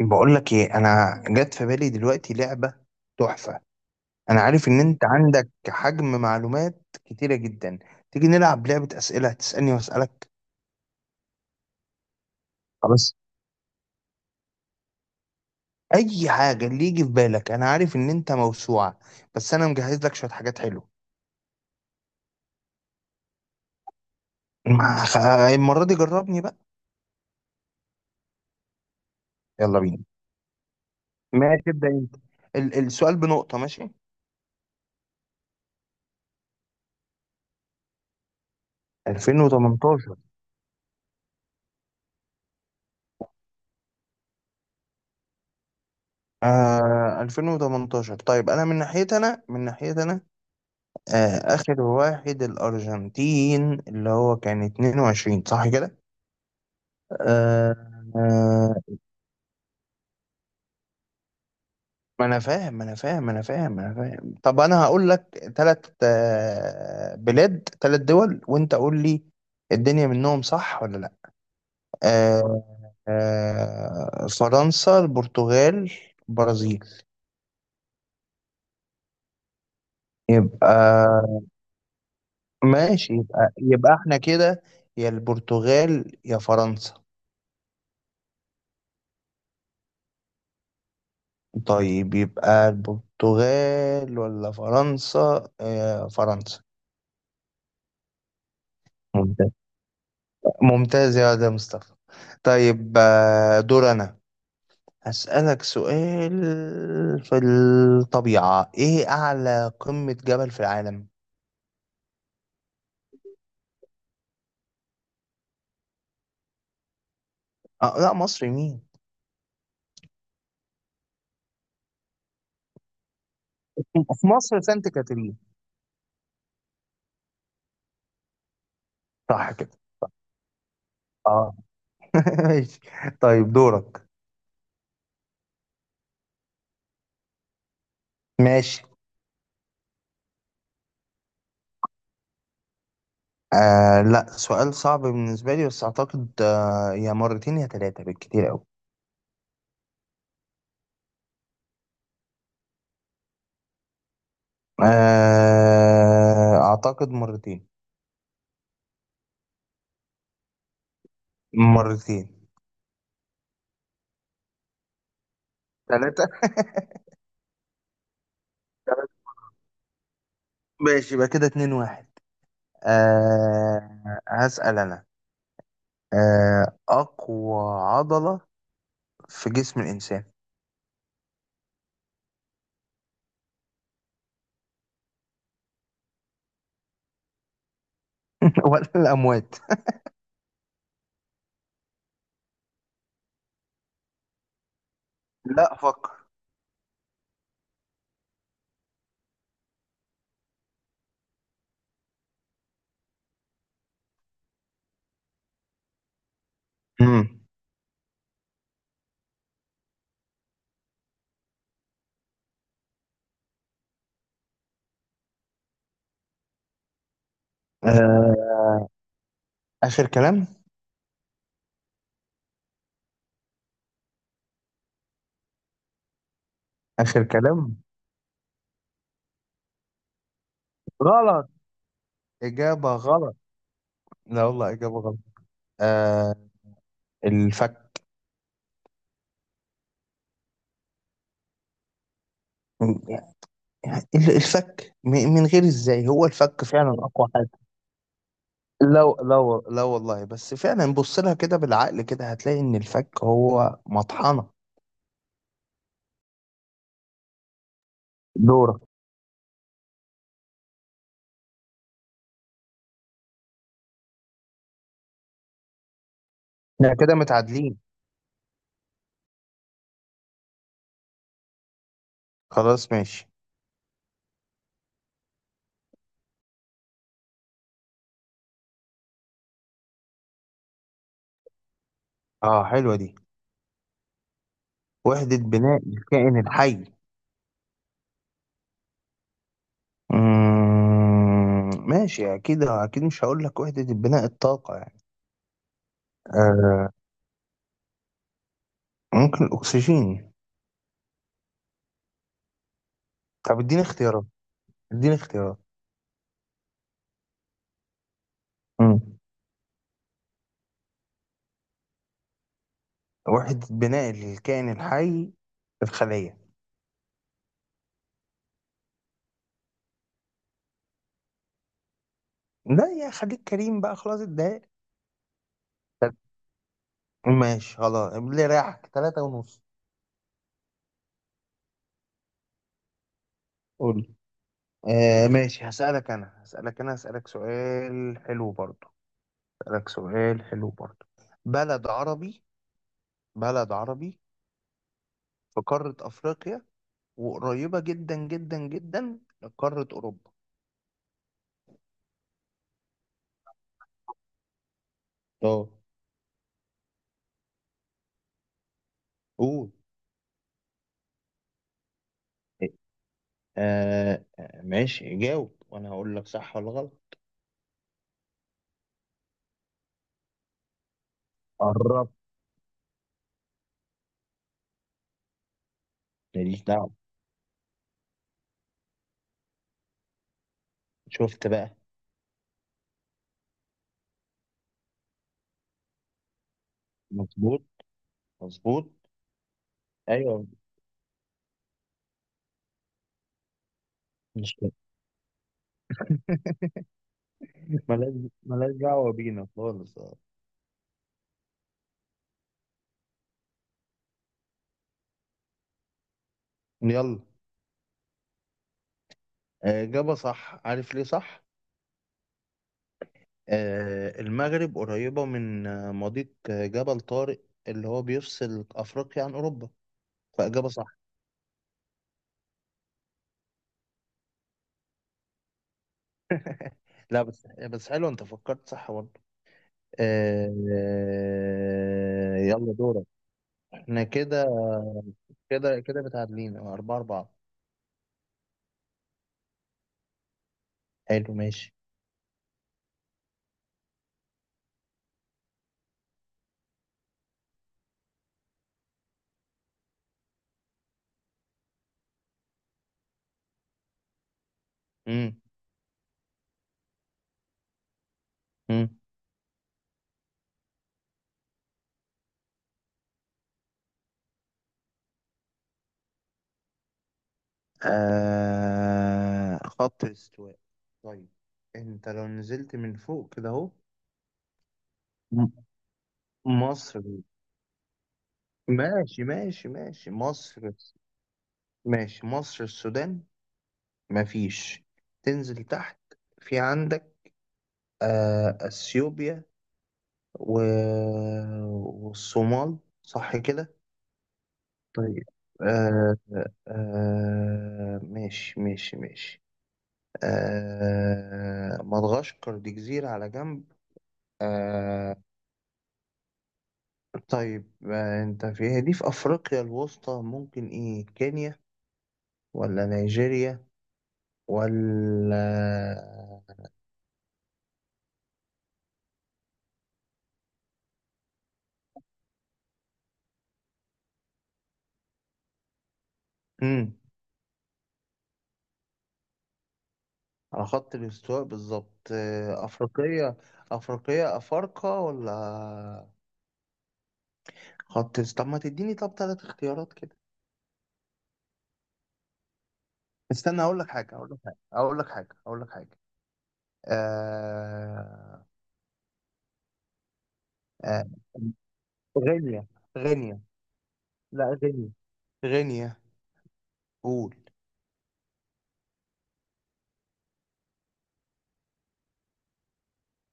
بقول لك ايه، انا جت في بالي دلوقتي لعبه تحفه. انا عارف ان انت عندك حجم معلومات كتيره جدا. تيجي نلعب لعبه اسئله، هتسالني واسالك. خلاص، اي حاجه اللي يجي في بالك. انا عارف ان انت موسوعه. بس انا مجهز لك شويه حاجات حلوه. ما- خ- المره دي جربني بقى. يلا بينا. ماشي تبدا انت. السؤال بنقطه، ماشي. 2018. 2018. طيب انا من ناحيتي، انا. آخر واحد الأرجنتين اللي هو كان 22، صح كده؟ آه آه ما أنا فاهم ما أنا فاهم ما أنا فاهم ما أنا فاهم طب أنا هقول لك تلات آه بلاد تلات دول وأنت قول لي، الدنيا منهم صح ولا لأ؟ آه فرنسا، البرتغال، برازيل. يبقى، ماشي يبقى احنا كده، يا البرتغال يا فرنسا. طيب يبقى البرتغال ولا فرنسا؟ فرنسا. ممتاز، ممتاز يا ده مصطفى. طيب، دور أنا. هسألك سؤال. في الطبيعة، إيه أعلى قمة جبل في العالم؟ لا، مصر مين؟ في مصر سانت كاترين. صح كده. اه. ماشي. طيب دورك. ماشي. لا، سؤال صعب بالنسبة لي، بس أعتقد يا مرتين يا ثلاثة، بالكتير أوي. أعتقد مرتين. مرتين. ثلاثة. ماشي، يبقى كده 2-1. هسأل أنا. أقوى عضلة في جسم الإنسان؟ ولا الأموات؟ لا، فكر. امم أه آخر كلام. آخر كلام. غلط. إجابة غلط. لا والله، إجابة غلط. أه الفك. ال- الفك من غير إزاي، هو الفك فعلا أقوى. لا لا، لا والله، بس فعلا بص لها كده بالعقل، كده هتلاقي ان الفك هو مطحنة. دورة. احنا كده متعادلين. خلاص ماشي. اه، حلوة دي. وحدة بناء الكائن الحي. ماشي، اكيد اكيد مش هقول لك وحدة البناء الطاقة يعني. آه ممكن الاكسجين. طب اديني اختيارات، اديني اختيارات. مم. وحدة بناء الكائن الحي، الخلية. لا يا، خليك كريم بقى، خلاص اتضايق. ماشي خلاص، اللي رايحك تلاتة ونص. قول. ماشي، هسألك سؤال حلو برضو. هسألك سؤال حلو برضو بلد عربي، بلد عربي، في قارة أفريقيا، وقريبة جدا جدا جدا لقارة أوروبا. اه. قول. ماشي، جاوب وانا هقول لك صح ولا غلط. قربت. ماليش دعوه. شفت بقى. مظبوط. مظبوط. ايوه. مش، مالك دعوه بينا خالص. يلا. اجابه صح، عارف ليه صح؟ المغرب قريبة من مضيق جبل طارق، اللي هو بيفصل أفريقيا عن أوروبا. فإجابة صح. لا، بس حلو، أنت فكرت صح برضه. يلا دورك. احنا كده متعادلين، 4-4. حلو ماشي. مم. مم. خط الاستواء. طيب، أنت لو نزلت من فوق كده أهو. م- مصر. ماشي ماشي ماشي، مصر. ماشي، مصر، السودان. مفيش. تنزل تحت. في عندك اثيوبيا و... والصومال، صح كده؟ طيب. آه ماشي ماشي ماشي. مدغشقر دي جزيرة على جنب. آه طيب، انت فيها دي في افريقيا الوسطى، ممكن ايه؟ كينيا ولا نيجيريا ولا... مم. على خط الاستواء بالظبط، أفريقية. أفريقية، أفارقة، ولا... طب ما تديني، طب تلات اختيارات كده. استنى، أقول لك حاجة أقول لك حاجة أقول لك حاجة أقول لك حاجة. آه... آه... غينيا. غينيا، لا غينيا، غينيا. قول.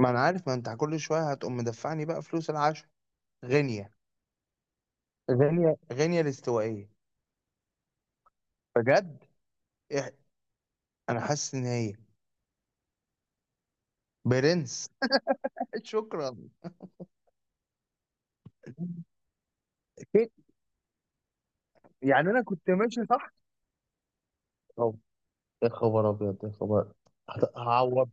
ما أنا عارف، ما أنت كل شوية هتقوم مدفعني بقى فلوس العشاء. غينيا، غينيا، غينيا الاستوائية. بجد. إح... أنا حاسس إن هي... برنس. شكرا. يعني أنا كنت ماشي صح. أو... يا خبر أبيض يا خبر. هعوض.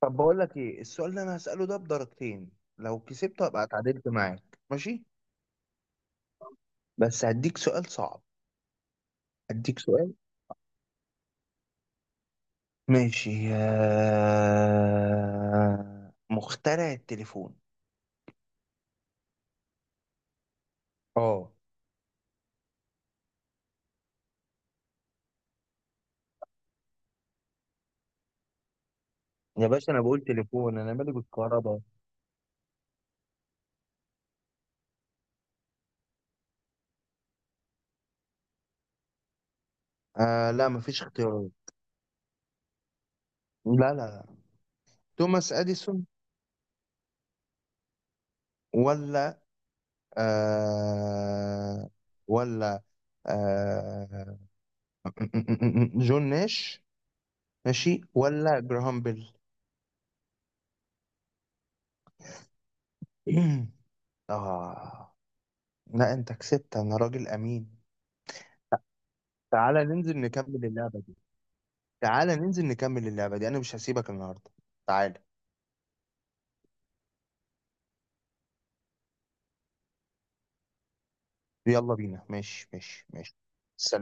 طب بقول لك ايه، السؤال اللي انا هسأله ده بدرجتين، لو كسبت ابقى اتعادلت معاك، ماشي؟ بس هديك سؤال صعب. هديك سؤال. ماشي. مخترع التليفون؟ اه يا باشا، انا بقول تليفون، انا مالي بالكهرباء. لا، مفيش اختيارات. لا لا لا. توماس اديسون؟ ولا آه ولا آه جون ناش؟ ماشي، ولا جراهام بيل؟ آه لا، أنت كسبت، أنا راجل أمين. تعالى ننزل نكمل اللعبة دي. تعالى ننزل نكمل اللعبة دي، أنا مش هسيبك النهاردة. تعالى. يلا بينا، ماشي ماشي ماشي. سلام.